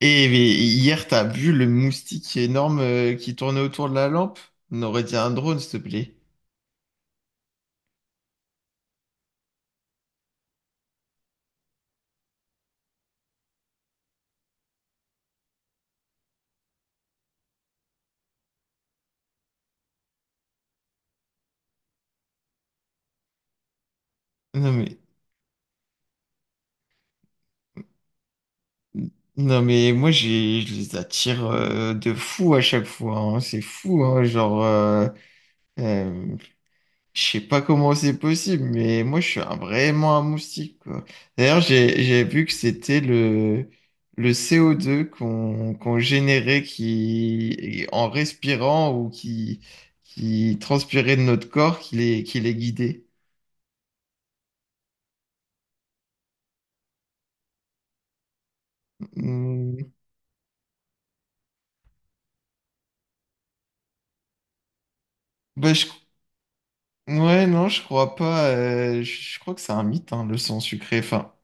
Et hier, t'as vu le moustique énorme qui tournait autour de la lampe? On aurait dit un drone, s'il te plaît. Non mais, non mais moi, je les attire de fou à chaque fois, hein. C'est fou, hein, genre. Euh, Je sais pas comment c'est possible, mais moi je suis vraiment un moustique, quoi. D'ailleurs, j'ai vu que c'était le CO2 qu'on générait qui, en respirant ou qui transpirait de notre corps qui qui les guidait. Hmm. Bah, je- ouais, non, je crois pas. Je crois que c'est un mythe, hein, le sang sucré. Enfin,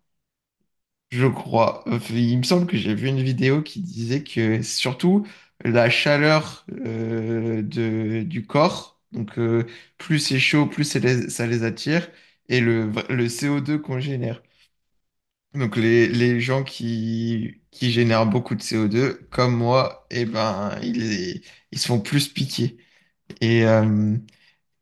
je crois. Il me semble que j'ai vu une vidéo qui disait que surtout la chaleur du corps, donc plus c'est chaud, plus ça les attire, et le CO2 qu'on génère. Donc les gens qui génèrent beaucoup de CO2, comme moi, eh ben, ils se font plus piquer. Et, euh,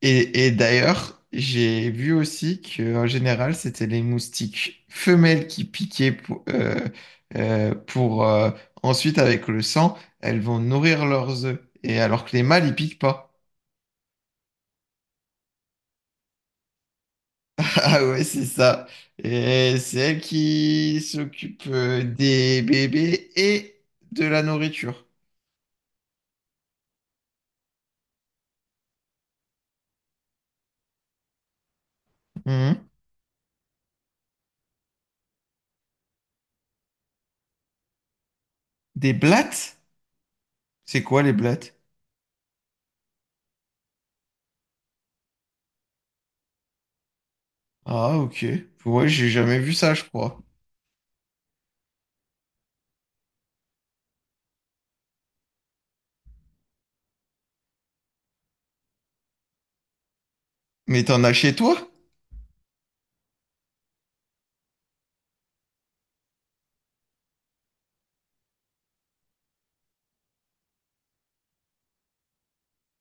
et d'ailleurs, j'ai vu aussi que en général, c'était les moustiques femelles qui piquaient pour ensuite, avec le sang, elles vont nourrir leurs œufs. Et alors que les mâles, ils piquent pas. Ah ouais, c'est ça. Et c'est elles qui s'occupent des bébés et de la nourriture. Mhm. Des blattes? C'est quoi les blattes? Ah, ok. Ouais, j'ai jamais vu ça, je crois. Mais t'en as chez toi?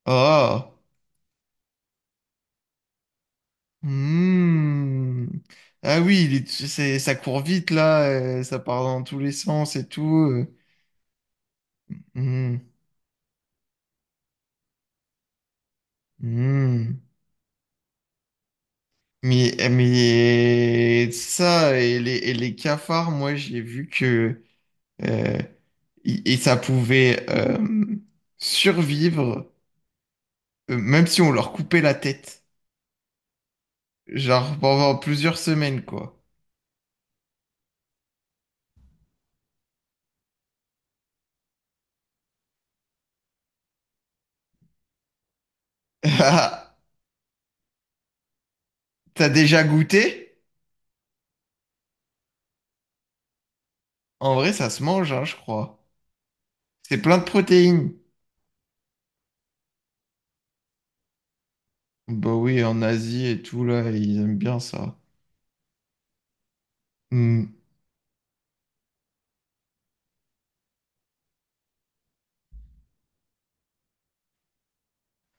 Ah. Hmm. C'est, ça court vite là, ça part dans tous les sens et tout. Hmm. Hmm. Mais ça et et les cafards, moi j'ai vu que euh, ça pouvait survivre, même si on leur coupait la tête, genre pendant plusieurs semaines quoi. T'as déjà goûté? En vrai, ça se mange, hein, je crois. C'est plein de protéines. Bah oui, en Asie et tout, là, ils aiment bien ça. Hmm.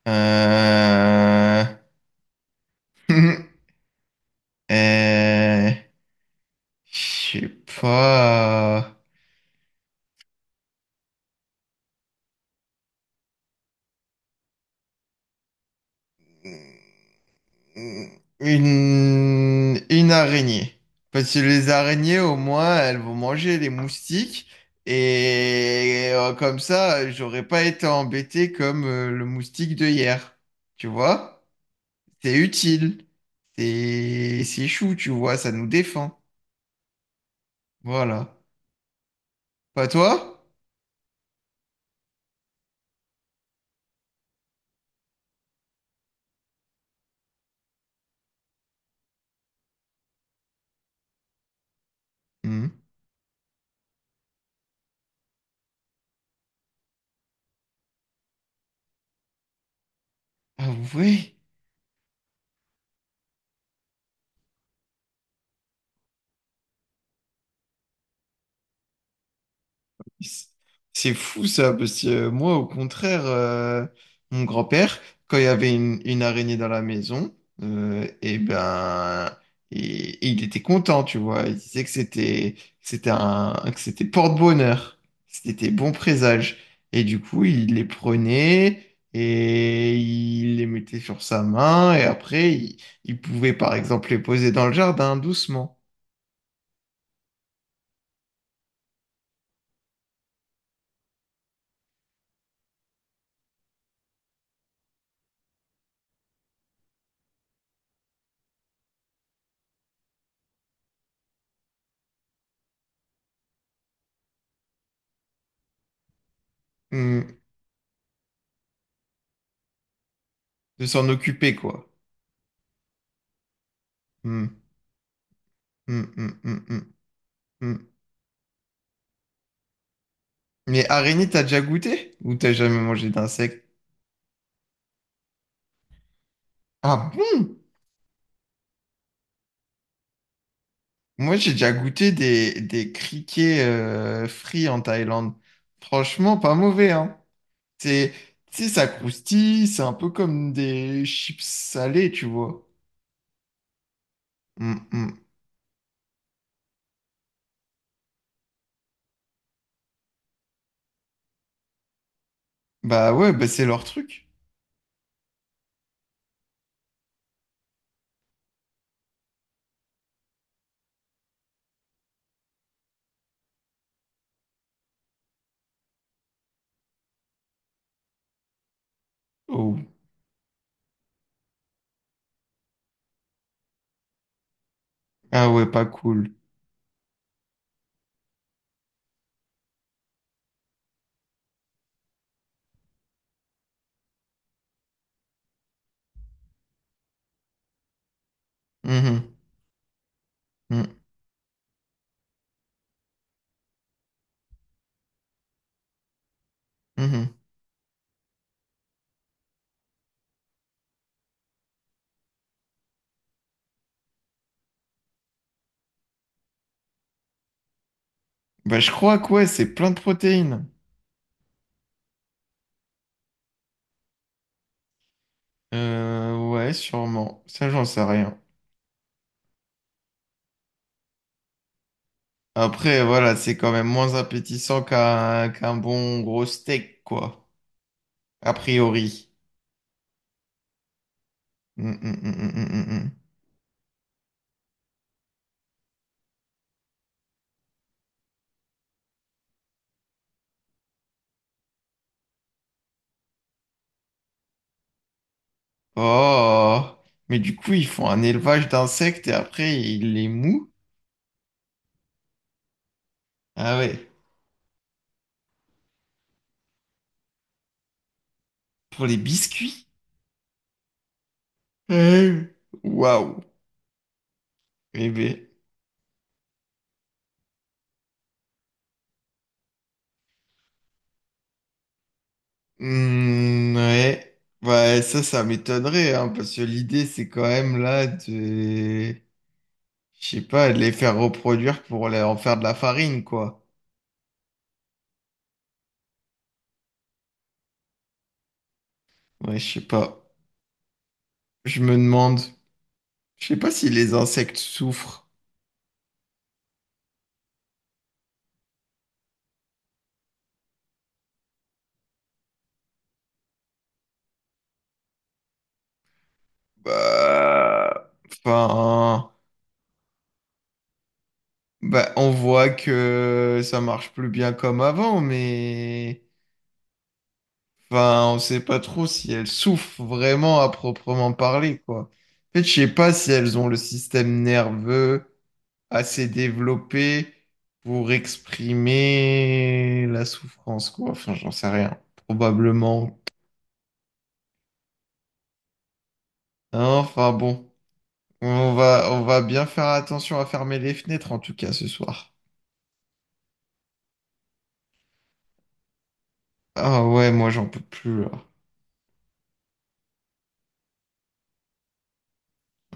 Euh... Euh, je sais pas. Une araignée. Parce que les araignées, au moins, elles vont manger les moustiques. Et comme ça, j'aurais pas été embêté comme le moustique de hier. Tu vois? C'est utile. C'est chou, tu vois, ça nous défend. Voilà. Pas toi? Mhm. Ah ouais, c'est c'est fou ça, parce que moi au contraire, mon grand-père, quand il y avait une araignée dans la maison, eh ben, il était content, tu vois. Il disait que c'était porte-bonheur, c'était bon présage. Et du coup, il les prenait et il les mettait sur sa main et après, il pouvait par exemple les poser dans le jardin doucement. Mmh. De s'en occuper, quoi. Hmm, hmm, hmm, hmm, hmm, hmm. Mais araignée, t'as déjà goûté? Ou t'as jamais mangé d'insectes? Ah bon? Moi, j'ai déjà goûté des criquets frits en Thaïlande. Franchement, pas mauvais, hein. C'est, tu sais, ça croustille, c'est un peu comme des chips salées, tu vois. Hmm, hmm. Bah ouais, bah c'est leur truc. Oh. Ah ouais, pas cool. Mhm, mhm, mhm. Bah je crois que ouais, c'est plein de protéines. Ouais, sûrement. Ça, j'en sais rien. Après, voilà, c'est quand même moins appétissant qu'un bon gros steak, quoi. A priori. Mm, mm, mm, mm, mm, mm, mm. Oh! Mais du coup, ils font un élevage d'insectes et après, ils les mouent. Ah ouais. Pour les biscuits? Euh, Waouh! Eh ben. Hmm, ouais. Ouais, ça m'étonnerait, hein, parce que l'idée, c'est quand même là de... Je sais pas, les faire reproduire pour en faire de la farine, quoi. Ouais, je sais pas. Je me demande. Je sais pas si les insectes souffrent. Bah, enfin, bah, on voit que ça marche plus bien comme avant, mais enfin, on sait pas trop si elles souffrent vraiment à proprement parler, quoi. En fait, je sais pas si elles ont le système nerveux assez développé pour exprimer la souffrance, quoi. Enfin, j'en sais rien. Probablement. Hein, enfin bon, on va bien faire attention à fermer les fenêtres en tout cas ce soir. Ah ouais, moi j'en peux plus là.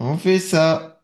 On fait ça.